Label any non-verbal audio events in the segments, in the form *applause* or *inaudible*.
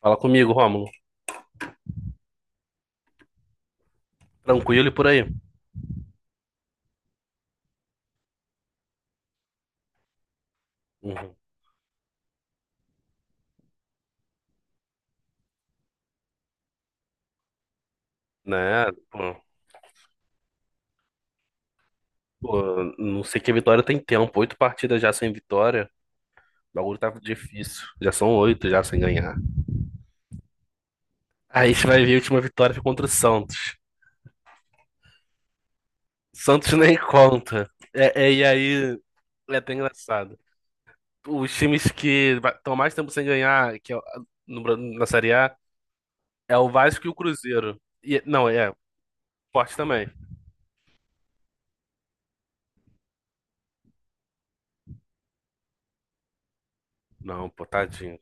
Fala comigo, Rômulo. Tranquilo e por aí. Uhum. Né? Pô, não sei que a Vitória tem tempo. Oito partidas já sem vitória. O bagulho tá difícil. Já são oito já sem ganhar. Aí a gente vai ver a última vitória foi contra o Santos. Santos nem conta. É, é, e aí é até engraçado. Os times que estão mais tempo sem ganhar que é no Bra- na Série A é o Vasco e o Cruzeiro. E, não, é forte também. Não, pô, tadinho.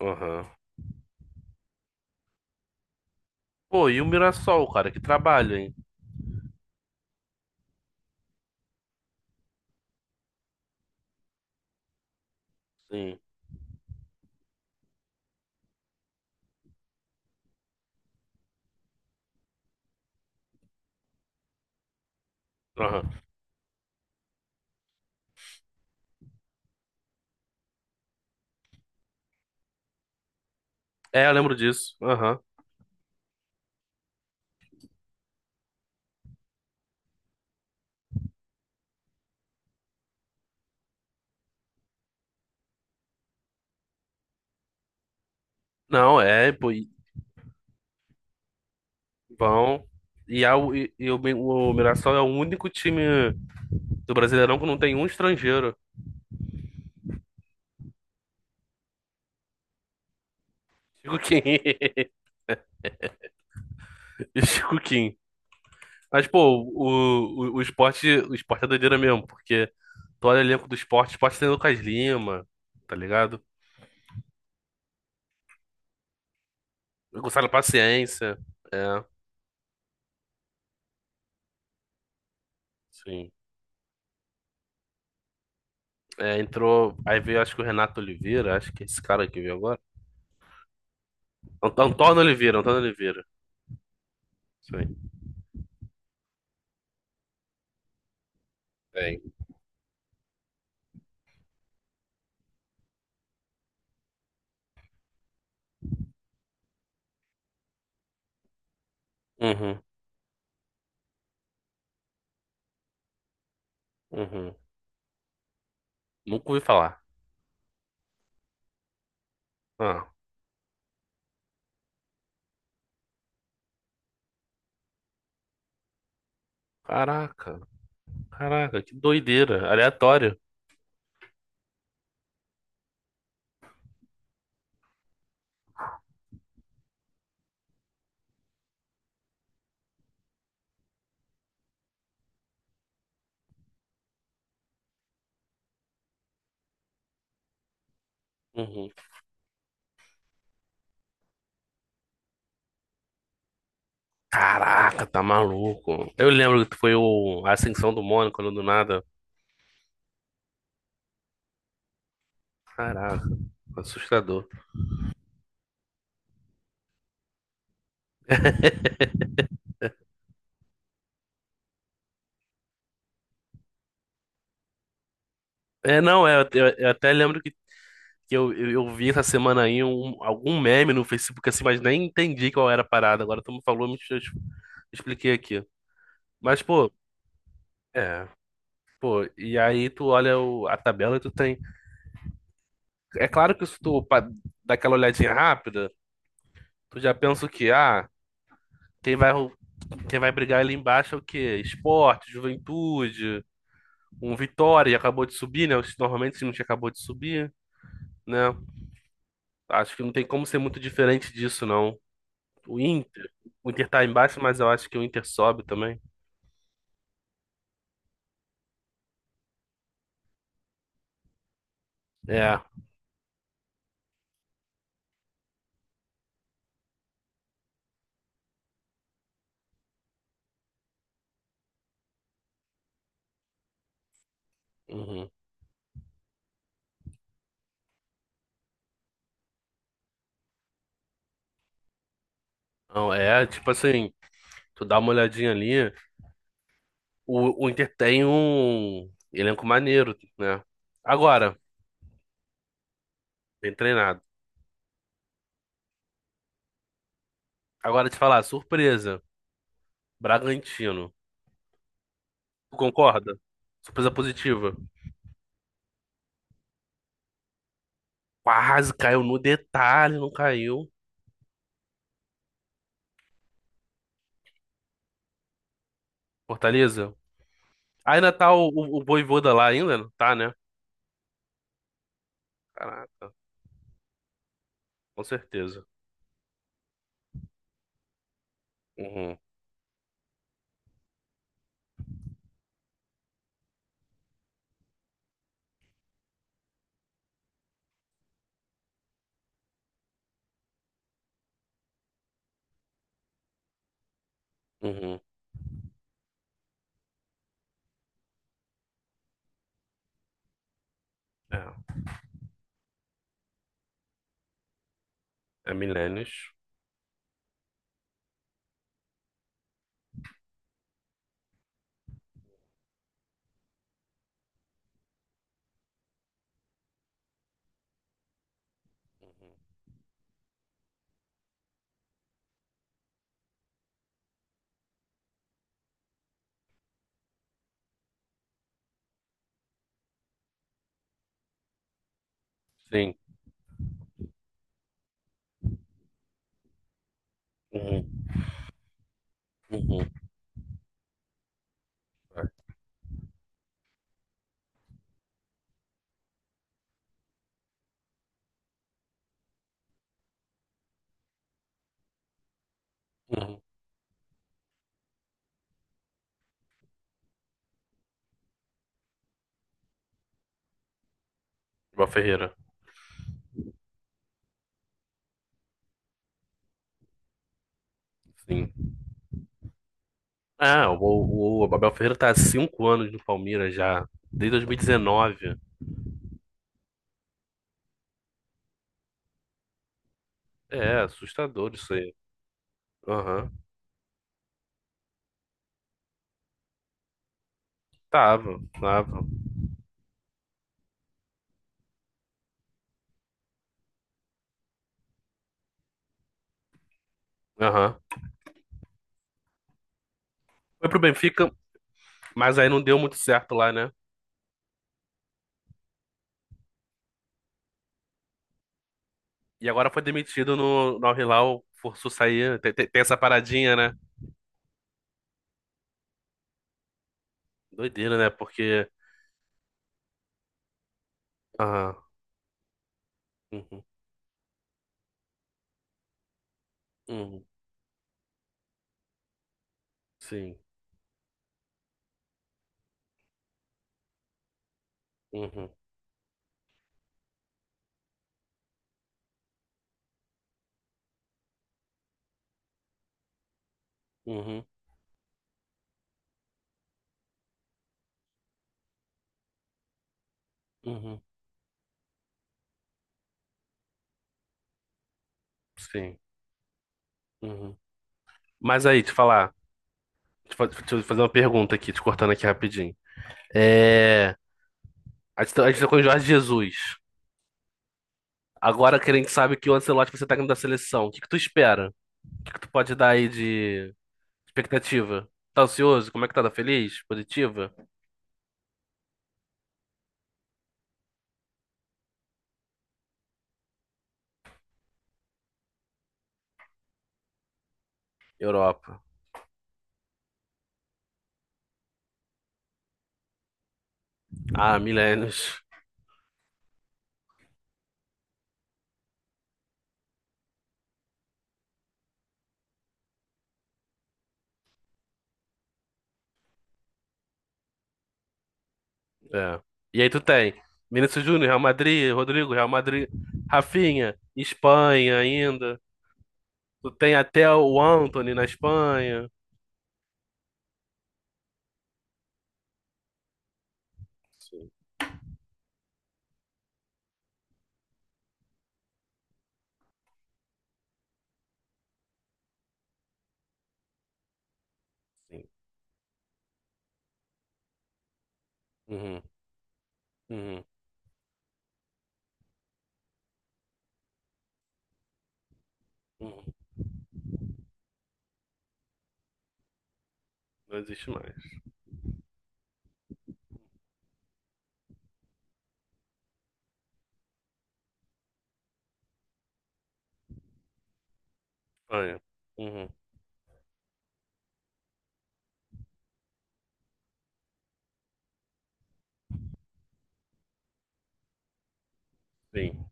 Aham. Pô, e o Mirassol, cara, que trabalho, hein? Sim. Aham. É, eu lembro disso. Aham. Não, é, pô, e vão. E, a, e, e o, Mi- o Mirassol é o único time do Brasileirão que não tem um estrangeiro. Chico Kim. *laughs* Chico Kim. Mas, pô, o esporte é doideira mesmo, porque tu olha o elenco do esporte, o esporte tem Lucas Lima, tá ligado? Gonçalo Paciência. É, sim. É, entrou. Aí veio, acho que o Renato Oliveira, acho que é esse cara que veio agora. Antônio Oliveira, Antônio Oliveira. Sim. Tem. Uhum. Uhum. Nunca ouvi falar. Ah, caraca, caraca, que doideira, aleatório. Uhum. Caraca, tá maluco. Eu lembro que foi o a Ascensão do Mônaco, né, do nada. Caraca, assustador. *laughs* É, não, é, eu até lembro que eu vi essa semana aí algum meme no Facebook assim, mas nem entendi qual era a parada. Agora tu me falou, eu expliquei aqui. Mas, pô, é, pô, e aí tu olha a tabela e tu tem. É claro que se tu dá aquela olhadinha rápida, tu já pensa o quê? Ah, quem vai, quem vai brigar ali embaixo é o quê? Esporte, Juventude, um Vitória, acabou de subir, né? Normalmente o time que acabou de subir, né? Acho que não tem como ser muito diferente disso, não. O Inter, o Inter tá embaixo, mas eu acho que o Inter sobe também. É, uhum. Não, é, tipo assim, tu dá uma olhadinha ali, o Inter tem um elenco maneiro, né? Agora, bem treinado. Agora te falar, surpresa, Bragantino. Concorda? Surpresa positiva. Quase caiu no detalhe, não caiu. Fortaleza. Ah, ainda tá o Voivoda lá ainda? Não tá, né? Caraca, com certeza. Uhum, uhum. É, é Milênios. Uhum. Sim. Uhum, uhum. É, uhum. Abel Ferreira. Sim. Ah, o Abel Ferreira tá há cinco anos no Palmeiras já. Desde 2019. É, assustador isso aí. Aham. Tava, tava. Aham. Foi pro Benfica, mas aí não deu muito certo lá, né? E agora foi demitido no, no Al-Hilal, forçou sair. Tem essa paradinha, né? Doideira, né? Porque. Ah, uhum, uhum, sim. Uhum, uhum, uhum, sim. Uhum. Mas aí, te falar. Deixa eu fazer uma pergunta aqui, te cortando aqui rapidinho. É. A gente tá com o Jorge Jesus. Agora que a gente sabe que o Ancelotti vai ser técnico da seleção, o que que tu espera? O que que tu pode dar aí de expectativa? Tá ansioso? Como é que tá? Tá feliz? Positiva? Europa. Ah, milênios. É. E aí tu tem Vinícius Júnior, Real Madrid, Rodrigo, Real Madrid, Rafinha, Espanha ainda. Tu tem até o Antony na Espanha. Sim, sim. Uhum, uhum, uhum. Não existe mais. Espanha. Uhum, sim.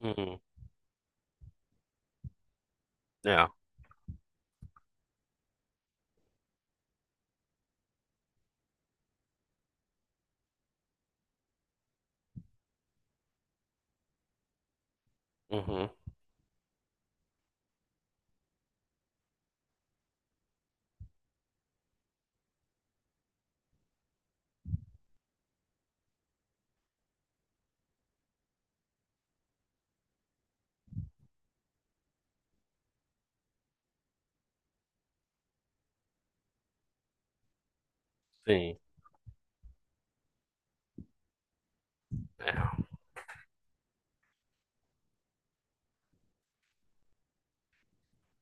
Uhum. É. Uhum, sim.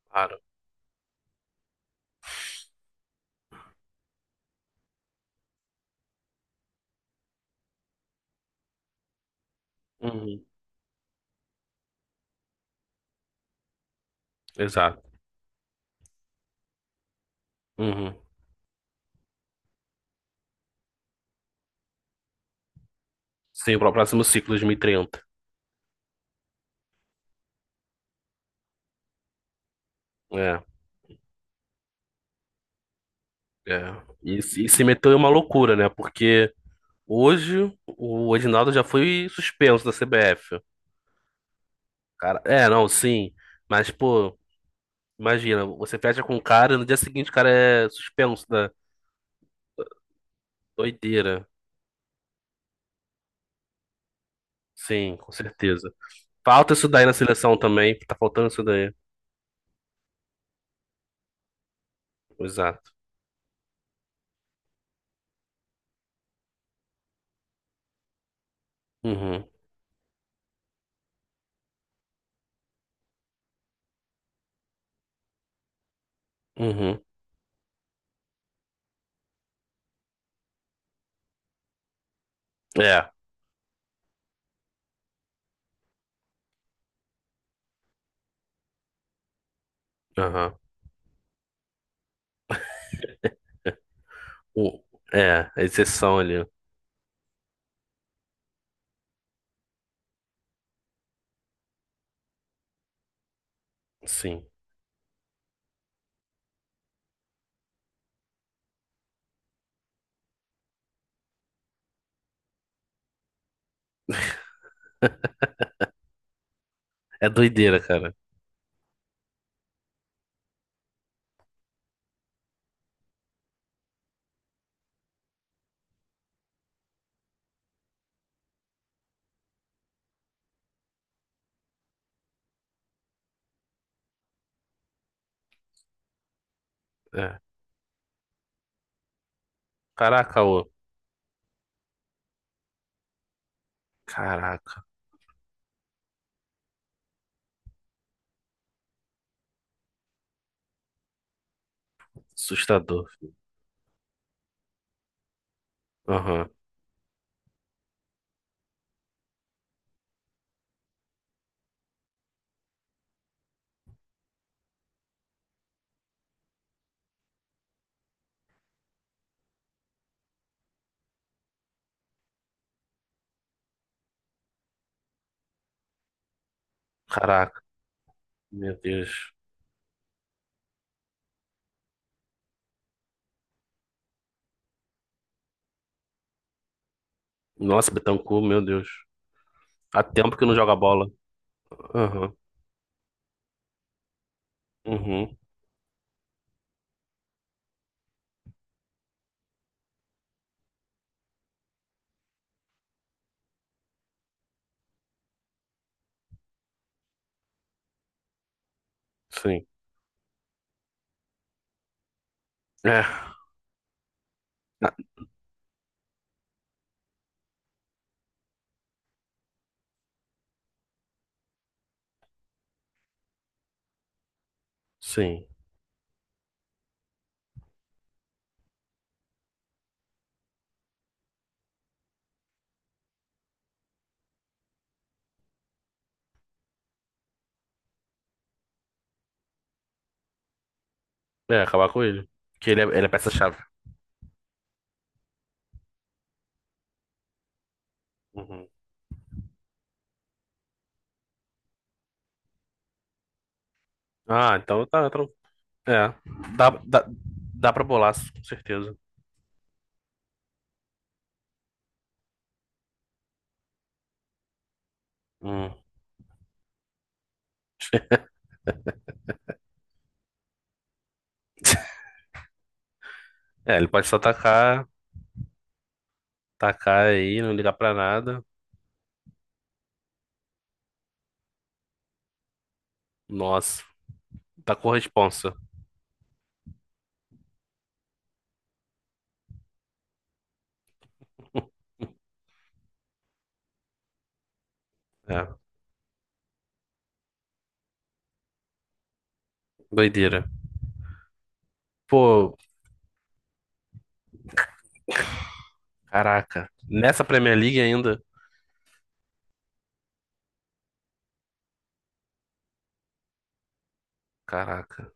Claro. Uhum. Exato. Uhum. Sim, para o próximo ciclo, 2030. É, é. E, e se meteu em uma loucura, né? Porque hoje o Edinaldo já foi suspenso da CBF. Cara, é, não, sim. Mas, pô, imagina, você fecha com o cara e no dia seguinte o cara é suspenso da doideira. Sim, com certeza. Falta isso daí na seleção também. Tá faltando isso daí. Exato. Uhum, uhum. É, aham. O- É, a exceção ali. Sim. É doideira, cara. É. Caraca, ô. Caraca. Assustador, filho. Aham. Caraca. Meu Deus. Nossa, Betancur, meu Deus. Há tempo que não joga bola. Aham. Uhum. Sim. É, ah, sim. É, acabar com ele. Porque ele é peça-chave. Uhum. Ah, então tá. É. Dá, dá, dá pra bolar, com certeza. Hum. *laughs* É, ele pode só tacar, tacar aí, não ligar pra nada. Nossa, tá com responsa. *laughs* É, doideira. Pô, caraca. Nessa Premier League ainda? Caraca.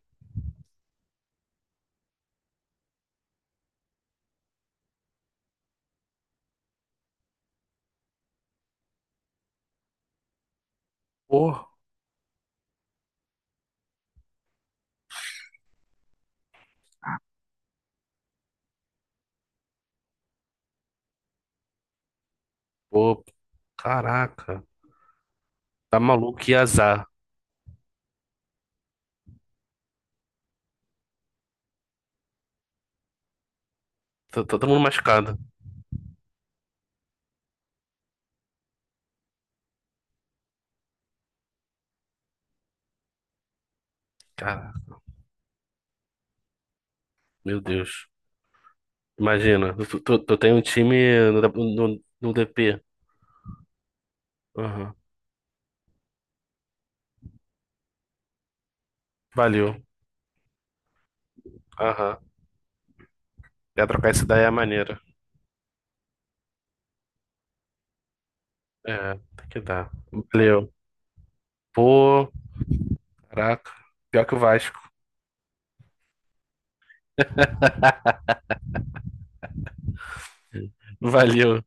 Pô, pô, caraca. Tá maluco, que azar. Tá, todo mundo machucado. Cara, meu Deus. Imagina, tu tem um time no DP. Aham. Valeu. Aham. Quer trocar essa daí é maneira. É, tem que dar. Valeu. Pô, caraca. Pior que o Vasco. *laughs* Valeu.